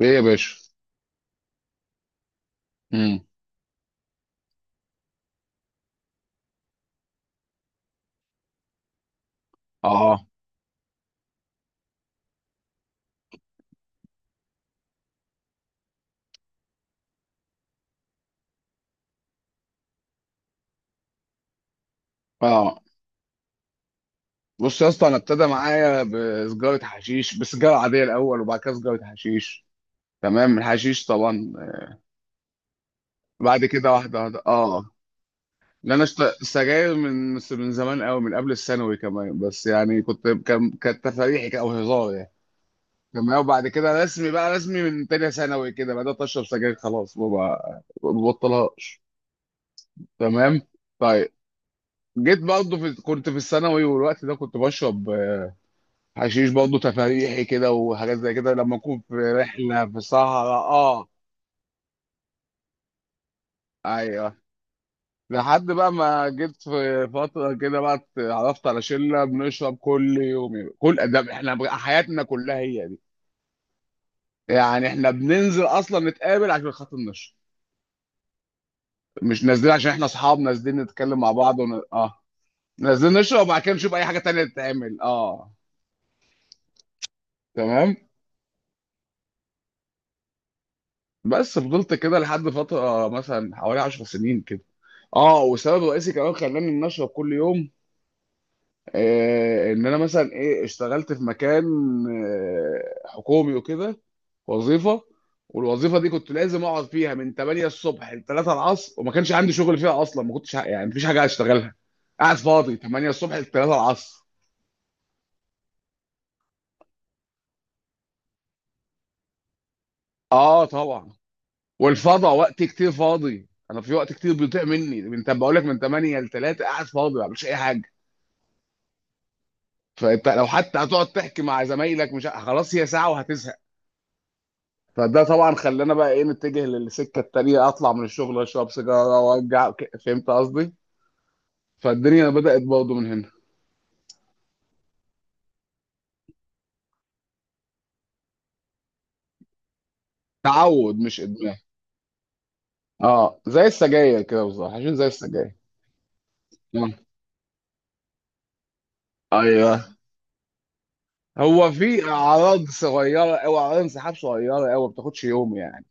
ايه يا باشا. امم. اه، اه. بص يا اسطى، انا ابتدى معايا بسجاره حشيش، بسجاره عاديه الاول، وبعد كده سجاره حشيش. تمام، الحشيش طبعا. بعد كده واحده واحده. اه. لا، انا سجاير من زمان قوي، من قبل الثانوي كمان، بس يعني كنت كان كانت تفاريحي او هزار يعني. تمام. وبعد كده رسمي، بقى رسمي من تانية ثانوي كده بدات اشرب سجاير، خلاص ما ببطلهاش. تمام. طيب. جيت برضه كنت في الثانوي، والوقت ده كنت بشرب حشيش برضه تفاريحي كده وحاجات زي كده لما اكون في رحله في صحراء. اه. ايوه. لحد بقى ما جيت في فتره كده بقى اتعرفت على شله بنشرب كل يوم، كل ده احنا بقى حياتنا كلها هي دي يعني. احنا بننزل اصلا نتقابل عشان خاطر نشرب، مش نازلين عشان احنا اصحاب نازلين نتكلم مع بعض ون... اه نازلين نشرب، وبعد كده نشوف اي حاجه تانية تتعمل. اه. تمام. بس فضلت كده لحد فترة، مثلا حوالي 10 سنين كده. اه، والسبب الرئيسي كمان خلاني ان اشرب كل يوم ان انا مثلا ايه اشتغلت في مكان حكومي وكده. وظيفة. والوظيفة دي كنت لازم اقعد فيها من 8 الصبح ل 3 العصر، وما كانش عندي شغل فيها اصلا، ما كنتش يعني مفيش حاجة اشتغلها. قاعد فاضي 8 الصبح ل 3 العصر. اه طبعا. والفضا وقت كتير فاضي، انا في وقت كتير بيضيع مني، بقول لك من 8 ل 3 قاعد فاضي ما بعملش اي حاجة. فانت لو حتى هتقعد تحكي مع زمايلك، مش خلاص، هي ساعه وهتزهق. فده طبعا خلانا بقى ايه نتجه للسكه التانيه، اطلع من الشغل اشرب سيجاره وارجع فهمت قصدي؟ فالدنيا بدات برضه من هنا. تعود مش ادمان. اه، زي السجاير كده بالظبط، عشان زي السجاير. آه. ايوه، هو في اعراض صغيره او اعراض انسحاب صغيره قوي، ما بتاخدش يوم يعني.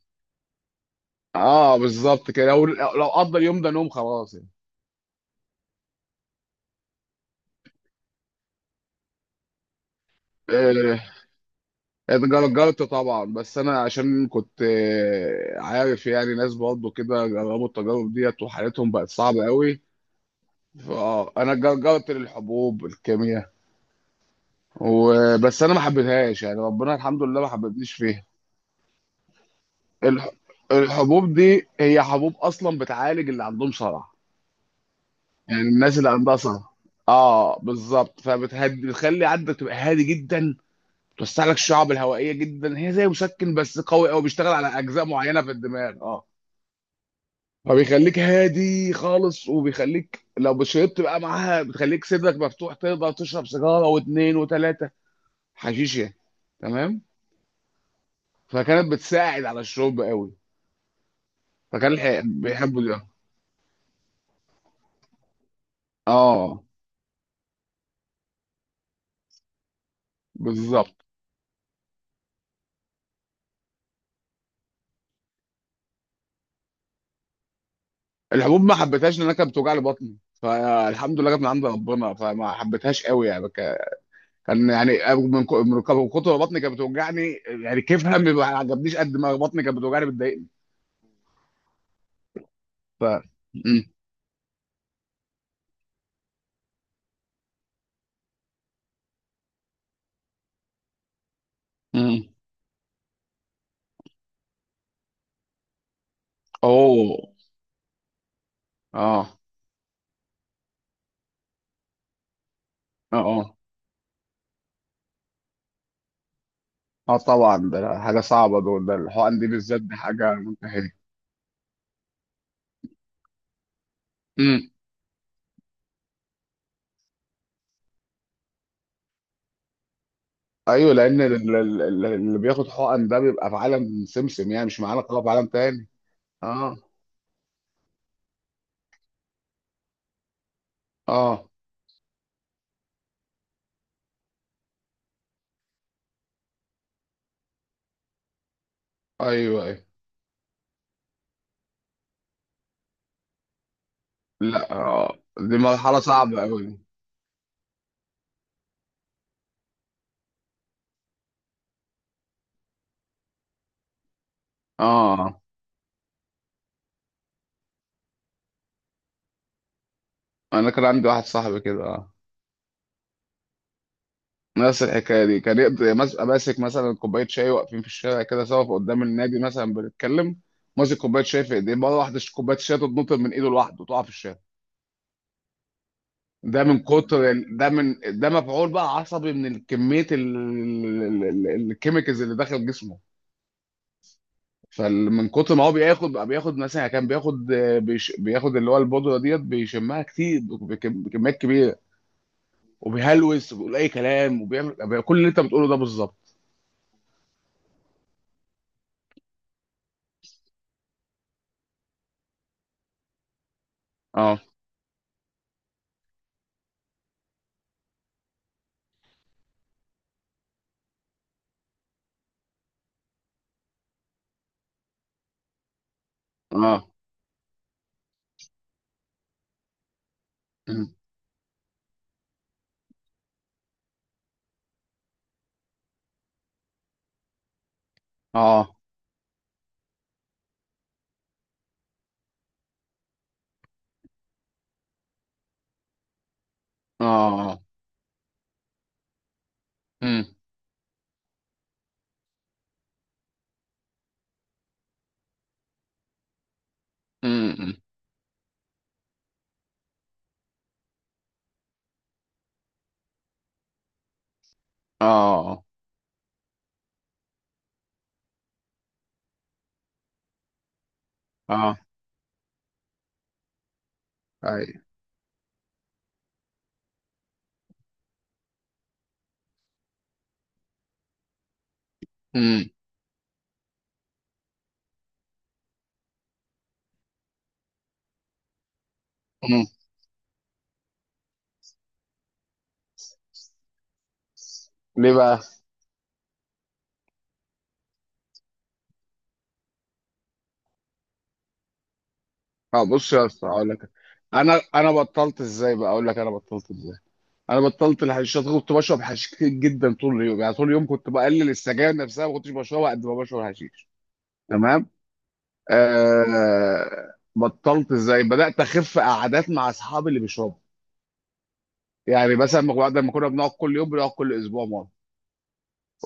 اه، بالظبط كده، لو قضى اليوم ده نوم خلاص يعني. آه. جربت طبعا، بس انا عشان كنت عارف، يعني ناس برضه كده جربوا التجارب ديت وحالتهم بقت صعبه قوي. فاه انا جربت للحبوب الكيمياء، وبس انا ما حبيتهاش، يعني ربنا الحمد لله ما حببنيش فيها. الح- الحبوب دي هي حبوب اصلا بتعالج اللي عندهم صرع، يعني الناس اللي عندها صرع. اه، بالظبط، فبتهدي، بتخلي عندك تبقى هادي جدا، توسع لك الشعب الهوائيه جدا، هي زي مسكن بس قوي قوي بيشتغل على اجزاء معينه في الدماغ. اه. فبيخليك هادي خالص، وبيخليك لو شربت بقى معاها بتخليك صدرك مفتوح، تقدر تشرب سيجاره واثنين وثلاثه حشيش يعني. تمام. فكانت بتساعد على الشرب قوي. فكان بيحبوا ده. اه، بالظبط. الحبوب ما حبيتهاش لان انا كانت بتوجع لي بطني، فالحمد لله جت من عند ربنا، فما حبيتهاش قوي، يعني كان يعني من كتر ما بطني كانت بتوجعني، يعني كيفها ما عجبنيش قد ما بطني كانت بتوجعني بتضايقني. ف م- م. اوه. اه، اه، اه. اه طبعا، ده حاجه صعبه دول، ده الحقن دي بالذات دي حاجه منتهيه. امم. ايوه، لان اللي بياخد حقن ده بيبقى في عالم سمسم يعني، مش معانا، قوي في عالم تاني. اه، اه. ايوه، ايوه. لا، اه، دي مرحله صعبه قوي. اه، اه. انا كان عندي واحد صاحبي كده. اه، نفس الحكايه دي، كان يقدر ماسك مثلا كوبايه شاي، واقفين في الشارع كده سوا في قدام النادي مثلا بنتكلم، ماسك كوبايه شاي في ايديه، مره واحده كوبايه الشاي تتنطر من ايده لوحده وتقع في الشارع. ده من ده مفعول بقى عصبي، من كميه الكيميكالز اللي داخل جسمه. فمن كتر ما هو بياخد بقى، بياخد مثلا، كان بياخد بيش بياخد اللي هو البودره ديت بيشمها كتير بكميات كبيره، وبيهلوس وبيقول اي كلام وبيعمل بقى كل اللي انت بتقوله ده بالظبط. اه، اه. أمم. اه، اه. أمم، أمم، أمم. اه، اه. آه، اي. أمم. أمم. ليه بقى؟ اه، بص يا اسطى هقول لك، انا بطلت ازاي، بقى اقول لك انا بطلت ازاي. انا بطلت الحشيشات، كنت بشرب حشيش كتير جدا طول اليوم يعني، طول اليوم كنت بقلل السجاير نفسها، ما كنتش بشربها قد ما بشرب حشيش. تمام. بطلت ازاي؟ بدات اخف قعدات مع اصحابي اللي بيشربوا، يعني مثلا ما كنا لما كنا بنقعد كل يوم بنقعد كل اسبوع مره،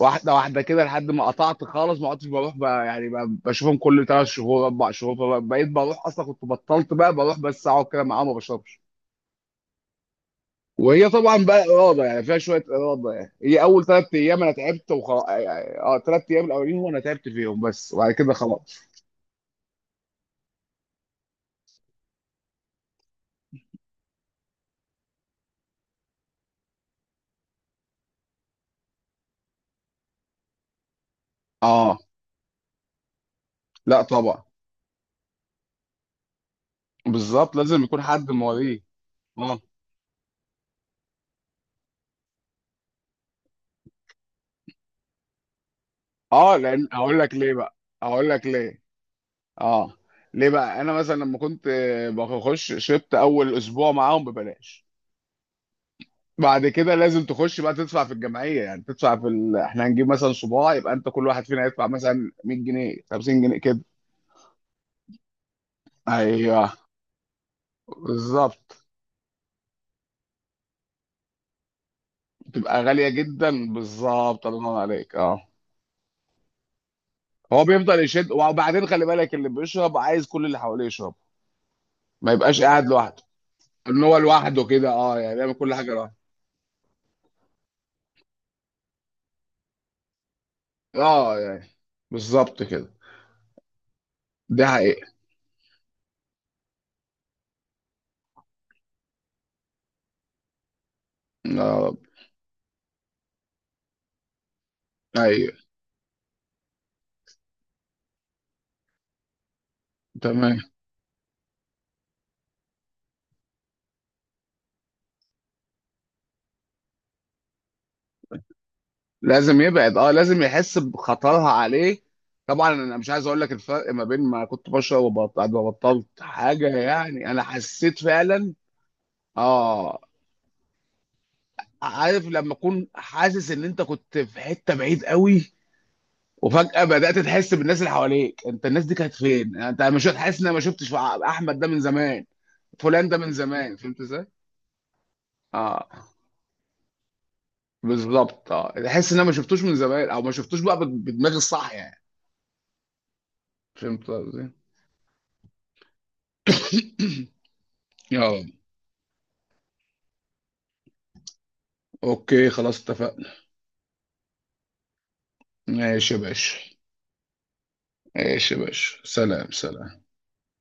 واحده واحده كده لحد ما قطعت خالص، ما عدتش بروح بقى، يعني بقى بشوفهم كل 3 شهور 4 شهور. فبقيت بروح، اصلا كنت بطلت، بقى بروح بس اقعد كده معاهم ما بشربش. وهي طبعا بقى اراده، يعني فيها شويه اراده، يعني هي اول 3 ايام انا تعبت وخلاص يعني، اه 3 ايام الاولين هو انا تعبت فيهم بس، وبعد كده خلاص. اه. لا طبعا. بالظبط، لازم يكون حد مواليه. اه، اه، لان هقول لك ليه بقى، هقول لك ليه. اه. ليه بقى؟ انا مثلا لما كنت بخش شربت اول اسبوع معاهم ببلاش، بعد كده لازم تخش بقى تدفع في الجمعيه، يعني تدفع احنا هنجيب مثلا صباع، يبقى انت كل واحد فينا يدفع مثلا 100 جنيه 50 جنيه كده. ايوه، بالظبط. بتبقى غالية جدا بالظبط، الله ينور عليك. اه. هو بيفضل يشد، وبعدين خلي بالك اللي بيشرب عايز كل اللي حواليه يشرب، ما يبقاش قاعد لوحده، ان هو لوحده كده، اه يعني بيعمل كل حاجة لوحده. اه، يعني بالظبط كده. ده حقيقة. اه. ايوه. تمام. لازم يبعد، اه لازم يحس بخطرها عليه. طبعا انا مش عايز اقول لك الفرق ما بين ما كنت بشرب وبطلت، بعد ما بطلت حاجة يعني انا حسيت فعلا. اه، عارف لما اكون حاسس ان انت كنت في حته بعيد قوي، وفجاه بدات تحس بالناس اللي حواليك، انت الناس دي كانت فين، انت مش حاسس ان انا ما شفتش احمد ده من زمان، فلان ده من زمان، فهمت ازاي؟ اه، بالظبط، اه تحس ان انا ما شفتوش من زمان، او ما شفتوش بقى بدماغي الصح يعني. فهمت قصدي؟ اه. اوكي خلاص اتفقنا. ماشي يا باشا، ماشي يا باشا، سلام سلام.